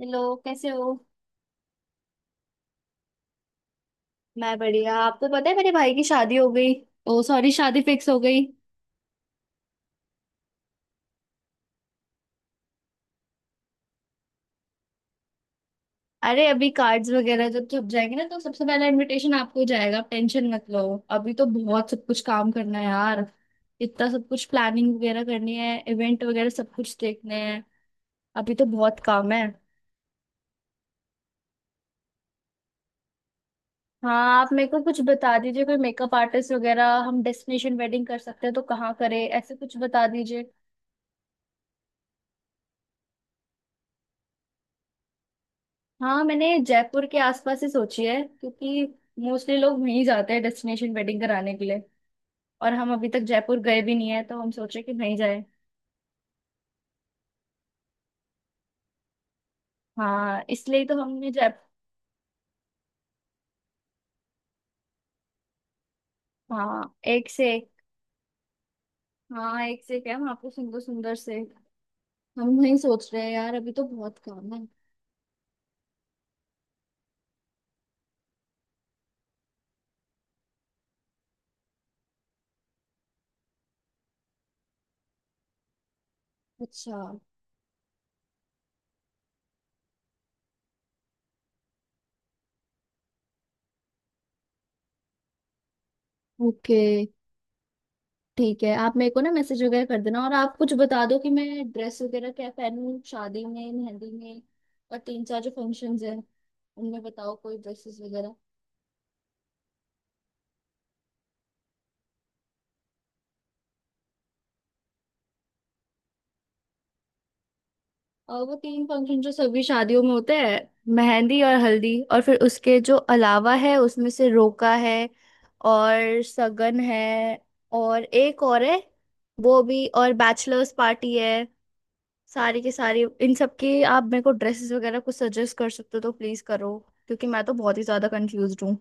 Hello, कैसे हो। मैं बढ़िया, आपको पता है मेरे भाई की शादी हो गई। ओ सॉरी, शादी फिक्स हो गई। अरे अभी कार्ड्स वगैरह जब छप जाएंगे ना तो सबसे पहला इनविटेशन आपको ही जाएगा, आप टेंशन मत लो। अभी तो बहुत सब कुछ काम करना है यार। इतना सब कुछ प्लानिंग वगैरह करनी है, इवेंट वगैरह सब कुछ देखने हैं। अभी तो बहुत काम है। हाँ आप मेरे को कुछ बता दीजिए, कोई मेकअप आर्टिस्ट वगैरह, हम डेस्टिनेशन वेडिंग कर सकते हैं तो कहाँ करें, ऐसे कुछ बता दीजिए। हाँ मैंने जयपुर के आसपास ही सोची है, क्योंकि मोस्टली लोग वहीं जाते हैं डेस्टिनेशन वेडिंग कराने के लिए। और हम अभी तक जयपुर गए भी नहीं है तो हम सोचे कि वहीं जाए। हाँ इसलिए ही तो हमने जय। हाँ एक से एक। हाँ एक से एक है वहाँ पे, सुंदर सुंदर से। हम वहीं सोच रहे हैं यार, अभी तो बहुत काम है। अच्छा। ओके। ठीक है, आप मेरे को ना मैसेज वगैरह कर देना, और आप कुछ बता दो कि मैं ड्रेस वगैरह क्या पहनूं, शादी में, मेहंदी में, और तीन चार जो फंक्शंस हैं उनमें बताओ कोई ड्रेसेस वगैरह। और वो तीन फंक्शन जो सभी शादियों में होते हैं, मेहंदी और हल्दी, और फिर उसके जो अलावा है उसमें से रोका है, और सगन है, और एक और है वो भी, और बैचलर्स पार्टी है। सारी के सारी इन सब के आप मेरे को ड्रेसेस वगैरह कुछ सजेस्ट कर सकते हो तो प्लीज करो, क्योंकि मैं तो बहुत ही ज्यादा कंफ्यूज हूँ।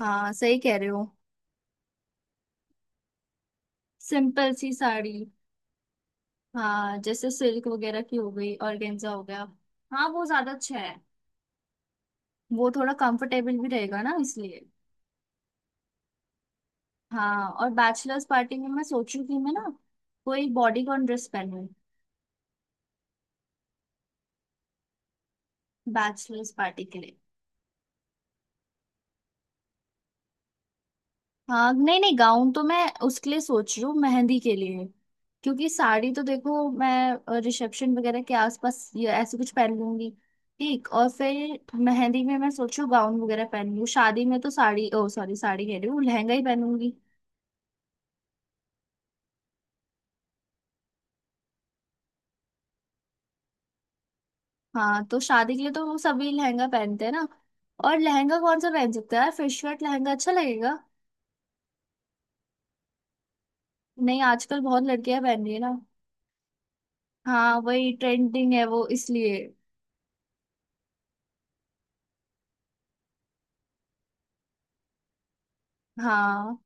हाँ सही कह रहे हो। सिंपल सी साड़ी। हाँ जैसे सिल्क वगैरह की हो गई, ऑर्गेन्जा हो गया। हाँ वो ज्यादा अच्छा है। वो थोड़ा कंफर्टेबल भी रहेगा ना, इसलिए। हाँ, और बैचलर्स पार्टी में मैं सोचू कि मैं ना कोई बॉडीकॉन ड्रेस पहनूं बैचलर्स पार्टी के लिए। हाँ नहीं नहीं, गाउन तो मैं उसके लिए सोच रही हूँ, मेहंदी के लिए। क्योंकि साड़ी तो देखो मैं रिसेप्शन वगैरह के आसपास ये ऐसे कुछ पहन लूंगी। ठीक, और फिर मेहंदी में मैं सोचू गाउन वगैरह पहन लूँ। शादी में तो साड़ी, ओ सॉरी साड़ी कह रही हूँ, लहंगा ही पहनूंगी। हाँ तो शादी के लिए तो वो सभी लहंगा पहनते हैं ना। और लहंगा कौन सा पहन सकते हैं यार, फिश कट लहंगा अच्छा लगेगा। नहीं आजकल बहुत लड़कियां पहन रही है ना। हाँ वही ट्रेंडिंग है वो, इसलिए। हाँ।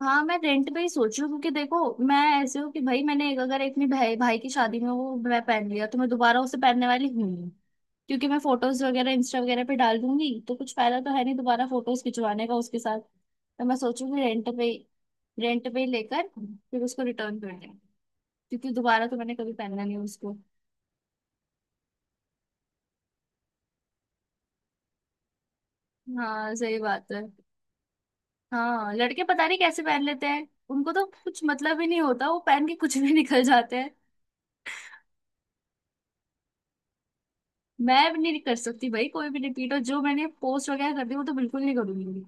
हाँ मैं रेंट पे ही सोच रही हूँ, क्योंकि देखो मैं ऐसे हूँ कि भाई मैंने एक, अगर एक अपने भाई भाई की शादी में वो मैं पहन लिया तो मैं दोबारा उसे पहनने वाली हूँ नहीं। क्योंकि मैं फोटोज वगैरह इंस्टा वगैरह पे डाल दूंगी तो कुछ फायदा तो है नहीं दोबारा फोटोज खिंचवाने का उसके साथ, तो मैं सोचूंगी रेंट पे। रेंट पे ही लेकर फिर उसको रिटर्न कर दें, क्योंकि दोबारा तो मैंने कभी पहना नहीं उसको। हाँ सही बात है। हाँ लड़के पता नहीं कैसे पहन लेते हैं, उनको तो कुछ मतलब ही नहीं होता, वो पहन के कुछ भी निकल जाते हैं। मैं भी नहीं कर सकती भाई कोई भी रिपीट, और जो मैंने पोस्ट वगैरह कर दी वो तो बिल्कुल नहीं करूंगी।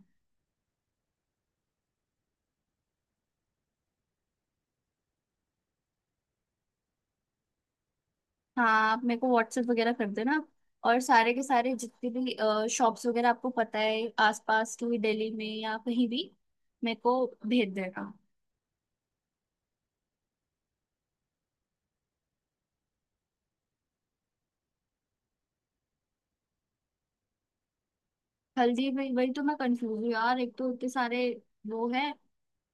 हाँ आप मेरे को व्हाट्सएप वगैरह कर देना, और सारे के सारे जितने भी शॉप्स वगैरह आपको पता है आसपास की, दिल्ली में या कहीं भी, मेरे को भेज देना। हल्दी में वही तो मैं कंफ्यूज हूँ यार, एक तो इतने सारे वो है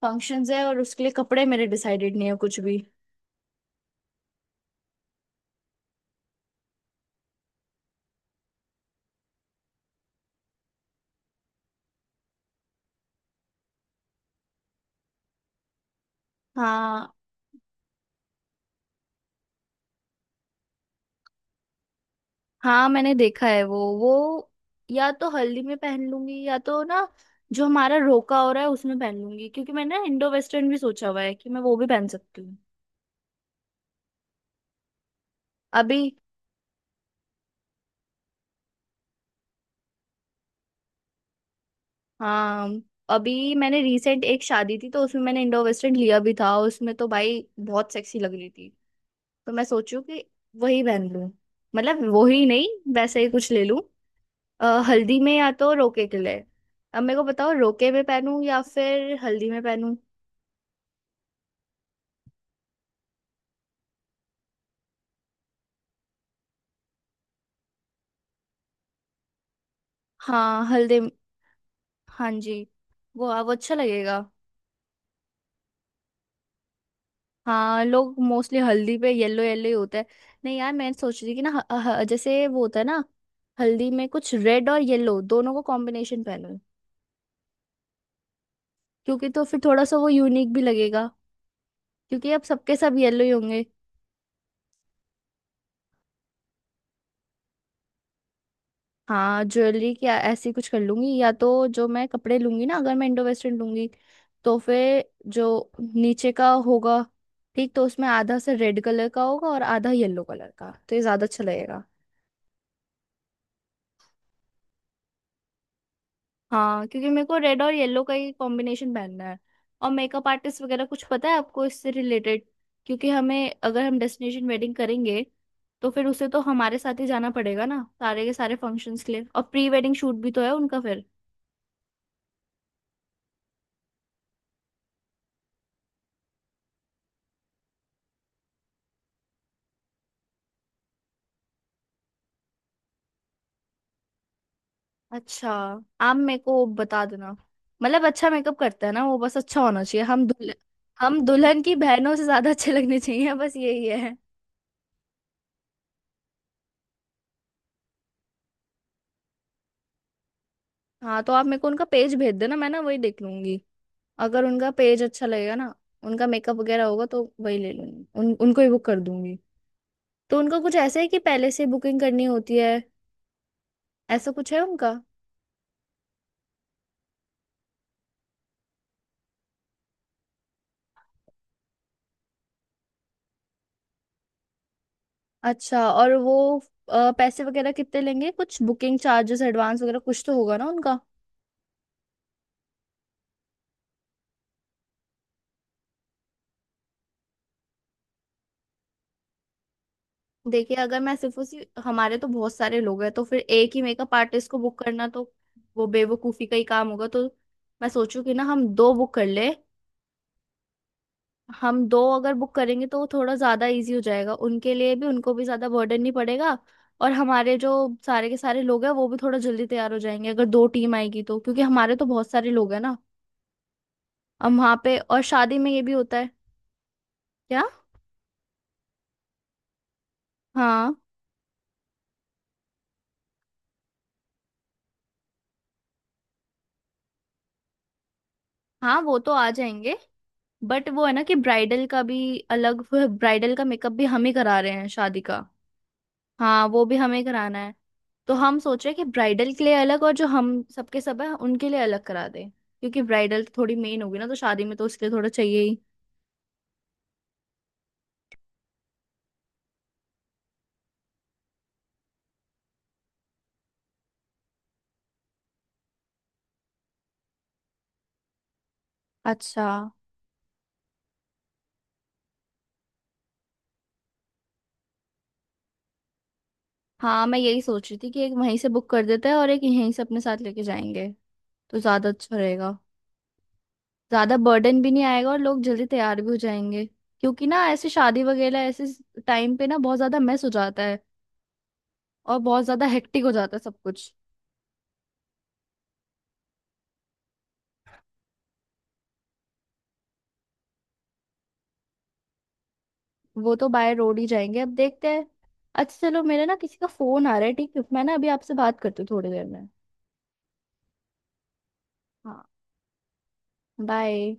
फंक्शंस है और उसके लिए कपड़े मेरे डिसाइडेड नहीं है कुछ भी। हाँ हाँ मैंने देखा है वो। या तो हल्दी में पहन लूंगी, या तो ना जो हमारा रोका हो रहा है उसमें पहन लूंगी, क्योंकि मैंने ना इंडो वेस्टर्न भी सोचा हुआ है कि मैं वो भी पहन सकती हूँ। अभी, हाँ, अभी मैंने रिसेंट एक शादी थी तो उसमें मैंने इंडो वेस्टर्न लिया भी था, उसमें तो भाई बहुत सेक्सी लग रही थी। तो मैं सोचू कि वही पहन लूँ, मतलब वही नहीं, वैसे ही कुछ ले लूं, हल्दी में या तो रोके के लिए। अब मेरे को बताओ, रोके में पहनूं या फिर हल्दी में पहनूं। हाँ हल्दी। हाँ जी। वो अच्छा लगेगा। हाँ लोग मोस्टली हल्दी पे येलो येलो ही होता है। नहीं यार मैं सोच रही थी कि ना, ह, ह, जैसे वो होता है ना, हल्दी में कुछ रेड और येलो दोनों को कॉम्बिनेशन पहनूं, क्योंकि तो फिर थोड़ा सा वो यूनिक भी लगेगा, क्योंकि अब सबके सब येलो ही होंगे। हाँ ज्वेलरी क्या ऐसी कुछ कर लूंगी, या तो जो मैं कपड़े लूंगी ना, अगर मैं इंडो वेस्टर्न लूंगी तो फिर जो नीचे का होगा, ठीक, तो उसमें आधा से रेड कलर का होगा और आधा येलो कलर का, तो ये ज्यादा अच्छा लगेगा। हाँ क्योंकि मेरे को रेड और येलो का ही कॉम्बिनेशन पहनना है। और मेकअप आर्टिस्ट वगैरह कुछ पता है आपको इससे रिलेटेड, क्योंकि हमें, अगर हम डेस्टिनेशन वेडिंग करेंगे तो फिर उसे तो हमारे साथ ही जाना पड़ेगा ना सारे के सारे फंक्शंस के लिए, और प्री वेडिंग शूट भी तो है उनका फिर। अच्छा, आप मेरे को बता देना। मतलब अच्छा मेकअप करता है ना वो, बस अच्छा होना चाहिए, हम दुल्हन, हम दुल्हन की बहनों से ज्यादा अच्छे लगने चाहिए, बस यही है। हाँ तो आप मेरे को उनका पेज भेज देना, मैं ना वही देख लूंगी। अगर उनका पेज अच्छा लगेगा ना, उनका मेकअप वगैरह होगा, तो वही ले लूंगी, उन उनको ही बुक कर दूंगी। तो उनका कुछ ऐसा है कि पहले से बुकिंग करनी होती है, ऐसा कुछ है उनका। अच्छा, और वो पैसे वगैरह कितने लेंगे, कुछ बुकिंग चार्जेस, एडवांस वगैरह कुछ तो होगा ना उनका। देखिए अगर मैं सिर्फ उसी, हमारे तो बहुत सारे लोग हैं तो फिर एक ही मेकअप आर्टिस्ट को बुक करना तो वो बेवकूफी का ही काम होगा, तो मैं सोचू कि ना हम दो बुक कर ले। हम दो अगर बुक करेंगे तो वो थोड़ा ज्यादा इजी हो जाएगा उनके लिए भी, उनको भी ज्यादा बर्डन नहीं पड़ेगा। और हमारे जो सारे के सारे लोग हैं वो भी थोड़ा जल्दी तैयार हो जाएंगे अगर दो टीम आएगी तो, क्योंकि हमारे तो बहुत सारे लोग हैं ना। हम वहाँ पे, और शादी में ये भी होता है। क्या। हाँ हाँ वो तो आ जाएंगे। बट वो है ना कि ब्राइडल का भी, अलग ब्राइडल का मेकअप भी हम ही करा रहे हैं शादी का। हाँ वो भी हमें कराना है। तो हम सोच रहे हैं कि ब्राइडल के लिए अलग और जो हम सबके सब है उनके लिए अलग करा दें, क्योंकि ब्राइडल तो थोड़ी मेन होगी ना तो शादी में, तो उसके लिए थोड़ा चाहिए ही। अच्छा। हाँ मैं यही सोच रही थी कि एक वहीं से बुक कर देते हैं और एक यहीं से अपने साथ लेके जाएंगे, तो ज्यादा अच्छा रहेगा। ज्यादा बर्डन भी नहीं आएगा और लोग जल्दी तैयार भी हो जाएंगे, क्योंकि ना ऐसे शादी वगैरह, ऐसे टाइम पे ना बहुत ज्यादा मेस हो जाता है, और बहुत ज्यादा हेक्टिक हो जाता है सब कुछ। वो तो बाय रोड ही जाएंगे, अब देखते हैं। अच्छा चलो, मेरे ना किसी का फोन आ रहा है, ठीक है मैं ना अभी आपसे बात करती हूँ थोड़ी देर में। हाँ बाय।